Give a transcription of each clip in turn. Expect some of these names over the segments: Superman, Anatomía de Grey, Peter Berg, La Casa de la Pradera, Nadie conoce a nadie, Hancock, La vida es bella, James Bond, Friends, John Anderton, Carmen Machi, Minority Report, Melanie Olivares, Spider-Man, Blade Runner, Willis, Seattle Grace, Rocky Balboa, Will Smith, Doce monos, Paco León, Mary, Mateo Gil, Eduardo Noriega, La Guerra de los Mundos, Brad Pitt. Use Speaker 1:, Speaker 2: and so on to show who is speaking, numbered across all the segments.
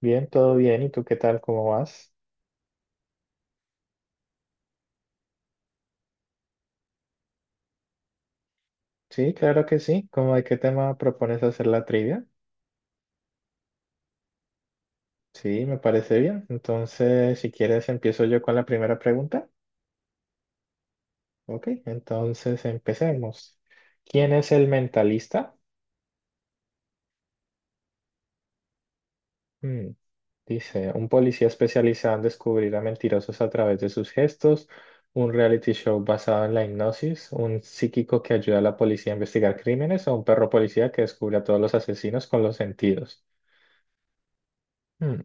Speaker 1: Bien, todo bien. ¿Y tú qué tal? ¿Cómo vas? Sí, claro que sí. ¿Cómo de qué tema propones hacer la trivia? Sí, me parece bien. Entonces, si quieres, empiezo yo con la primera pregunta. Ok, entonces empecemos. ¿Quién es el mentalista? Mm, dice, un policía especializado en descubrir a mentirosos a través de sus gestos, un reality show basado en la hipnosis, un psíquico que ayuda a la policía a investigar crímenes o un perro policía que descubre a todos los asesinos con los sentidos. Hmm,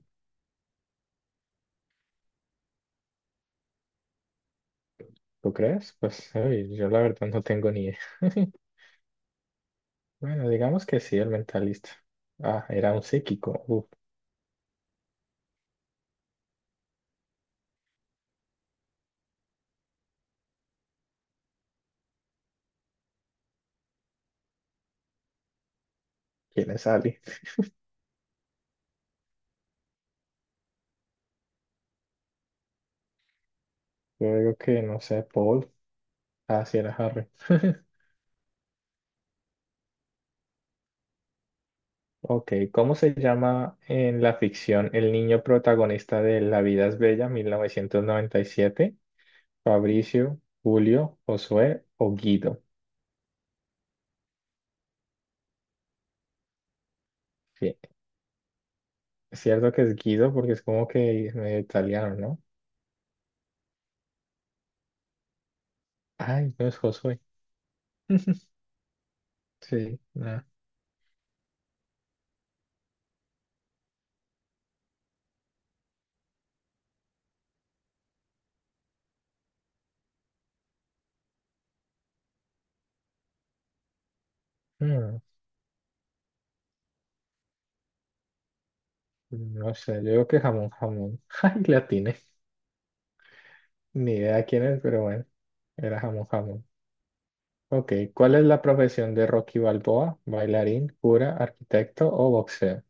Speaker 1: ¿Tú crees? Pues uy, yo la verdad no tengo ni idea. Bueno, digamos que sí, el mentalista. Ah, era un psíquico. Uf, ¿quién es Ali? Yo digo que no sé, Paul. Ah, sí, era Harry. Ok, ¿cómo se llama en la ficción el niño protagonista de La vida es bella, 1997? ¿Fabricio, Julio, Josué o Guido? Sí, es cierto que es Guido porque es como que medio italiano, ¿no? Ay, no es Josué. Sí, no. No sé, yo digo que jamón, jamón. Ay, la tiene. Ni idea quién es, pero bueno, era jamón, jamón. Ok, ¿cuál es la profesión de Rocky Balboa? ¿Bailarín, cura, arquitecto o boxeo?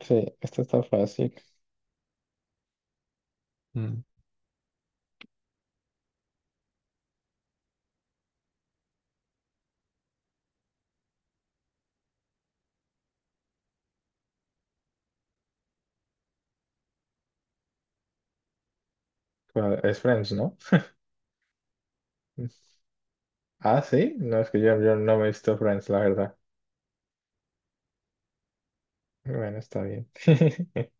Speaker 1: Sí, esto está fácil. Mm. Bueno, es Friends, ¿no? Ah, sí, no es que yo no me he visto Friends, la verdad. Bueno, está bien.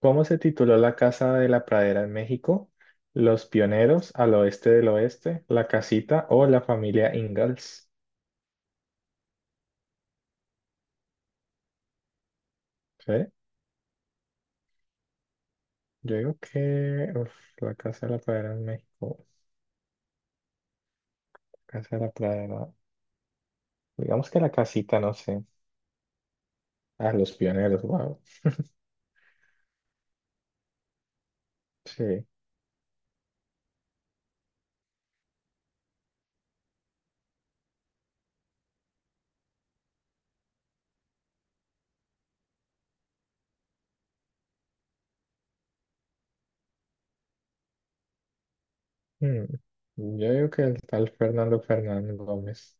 Speaker 1: ¿Cómo se tituló La Casa de la Pradera en México? ¿Los pioneros al oeste del oeste, la casita o la familia Ingalls? ¿Sí? Yo digo que uf, la Casa de la Pradera en México, Casa de la Pradera, digamos que la casita, no sé, ah los pioneros, wow, sí. Mm. Yo digo que el tal Fernando Fernández Gómez.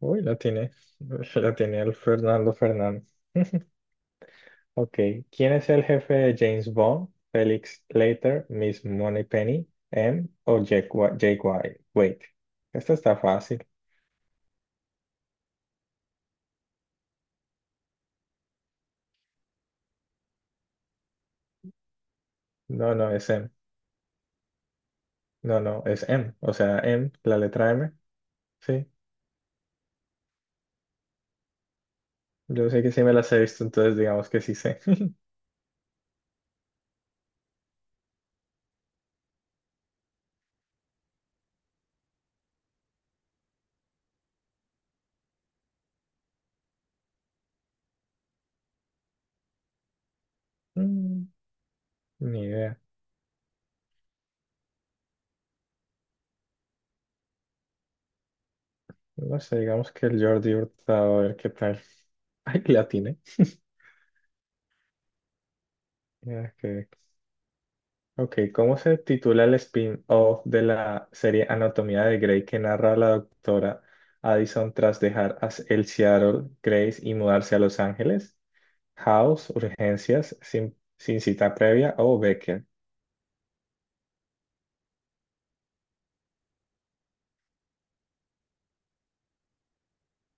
Speaker 1: Uy, la tiene, la tiene el Fernando Fernández. Ok, ¿quién es el jefe de James Bond? Felix Leiter, Miss Moneypenny, M o Jake, Jake White. Wait, esto está fácil. No, no, es M. No, no, es M. O sea, M, la letra M. Sí. Yo sé que sí me las he visto, entonces digamos que sí sé. Mm, Ni idea. No sé, digamos que el Jordi Hurtado, a ver qué tal. Ay, que la tiene. Ok, ok, ¿cómo se titula el spin-off de la serie Anatomía de Grey que narra a la doctora Addison tras dejar a el Seattle Grace y mudarse a Los Ángeles? House, Urgencias, sin cita previa o Becker.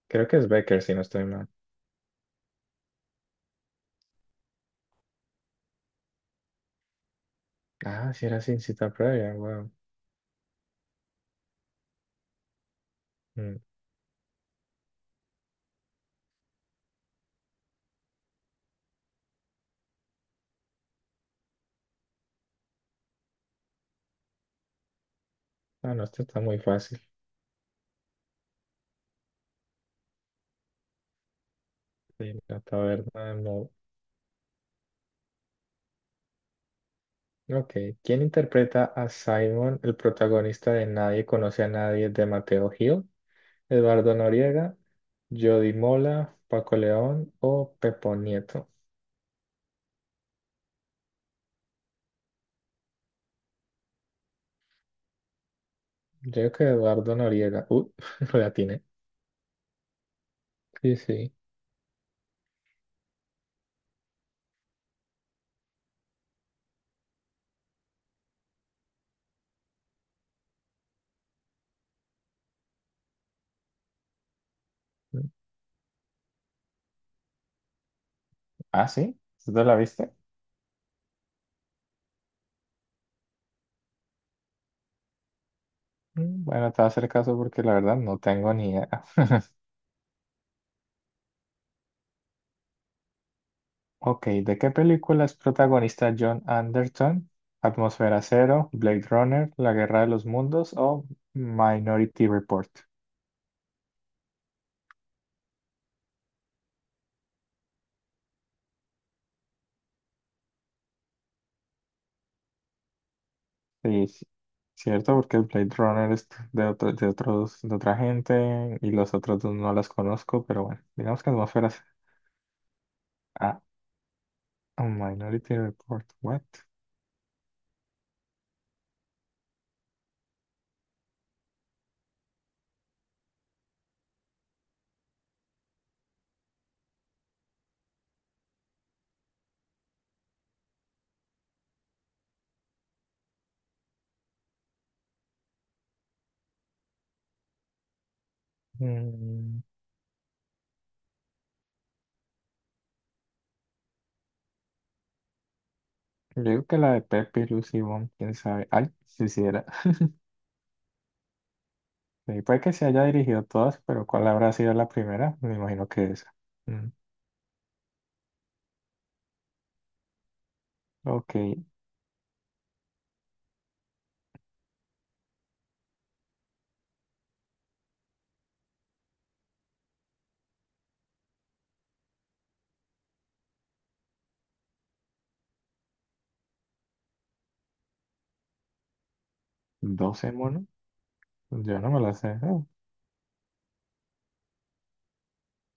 Speaker 1: Creo que es Becker, si no estoy mal. Ah, sí era sin cita previa, wow. Mm. Ah, no, esto está muy fácil. Sí, la taberna de Moe. Ok. ¿Quién interpreta a Simon, el protagonista de Nadie conoce a nadie de Mateo Gil? ¿Eduardo Noriega, Jody Mola, Paco León o Pepo Nieto? Yo creo que Eduardo Noriega. Lo atiné. Sí, sí. Ah, sí. ¿Tú te la viste? Bueno, te voy a hacer caso porque la verdad no tengo ni idea. Ok, ¿de qué película es protagonista John Anderton? ¿Atmósfera Cero, Blade Runner, La Guerra de los Mundos o Minority Report? Sí, sí, cierto, porque el Blade Runner es de otros, de otra gente y los otros dos no las conozco, pero bueno, digamos que Atmósfera Cero. Ah, Minority Report, what? Mm, yo digo que la de Pepe y Lucy Wong, quién sabe. Ay, si hiciera. Sí, puede que se haya dirigido todas, pero ¿cuál habrá sido la primera? Me imagino que esa. Ok, doce monos. Yo no me la sé. Oh,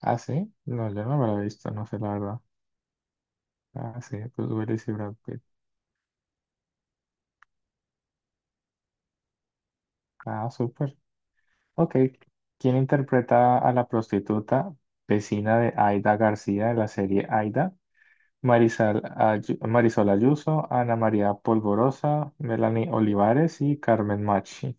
Speaker 1: Ah, sí. No, yo no me la he visto, no sé la verdad. Ah, sí, pues Willis y Brad Pitt. Ah, súper. Ok. ¿Quién interpreta a la prostituta vecina de Aida García de la serie Aida? Marisol, Marisol Ayuso, Ana María Polvorosa, Melanie Olivares y Carmen Machi.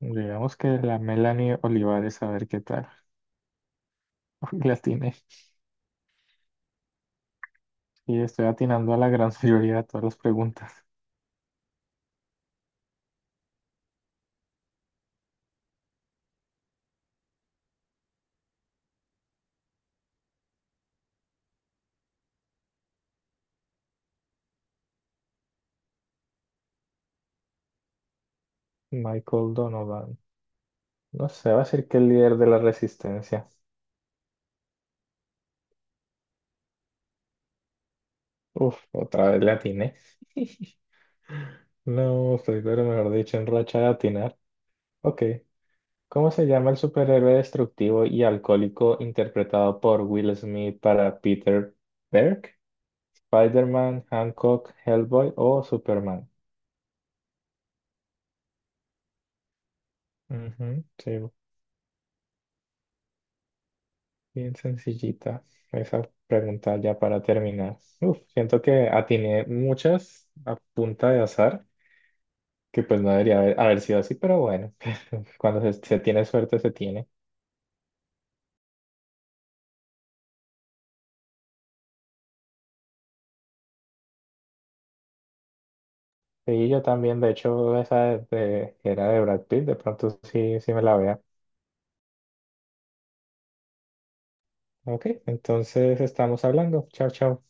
Speaker 1: Digamos que la Melanie Olivares, a ver qué tal. La tiene. Y estoy atinando a la gran mayoría de todas las preguntas. Michael Donovan. No sé, va a ser que el líder de la resistencia. Uf, otra vez le atiné. No, estoy, pero mejor dicho, en racha de atinar. Ok. ¿Cómo se llama el superhéroe destructivo y alcohólico interpretado por Will Smith para Peter Berg? ¿Spider-Man, Hancock, Hellboy o Superman? Ujú, sí, bien sencillita esa pregunta ya para terminar. Uf, siento que atiné muchas a punta de azar. Que pues no debería haber sido así, pero bueno, cuando se tiene suerte, se tiene. Y yo también, de hecho, esa que era de Brad Pitt, de pronto sí, sí me la vea. Ok, entonces estamos hablando. Chao, chao.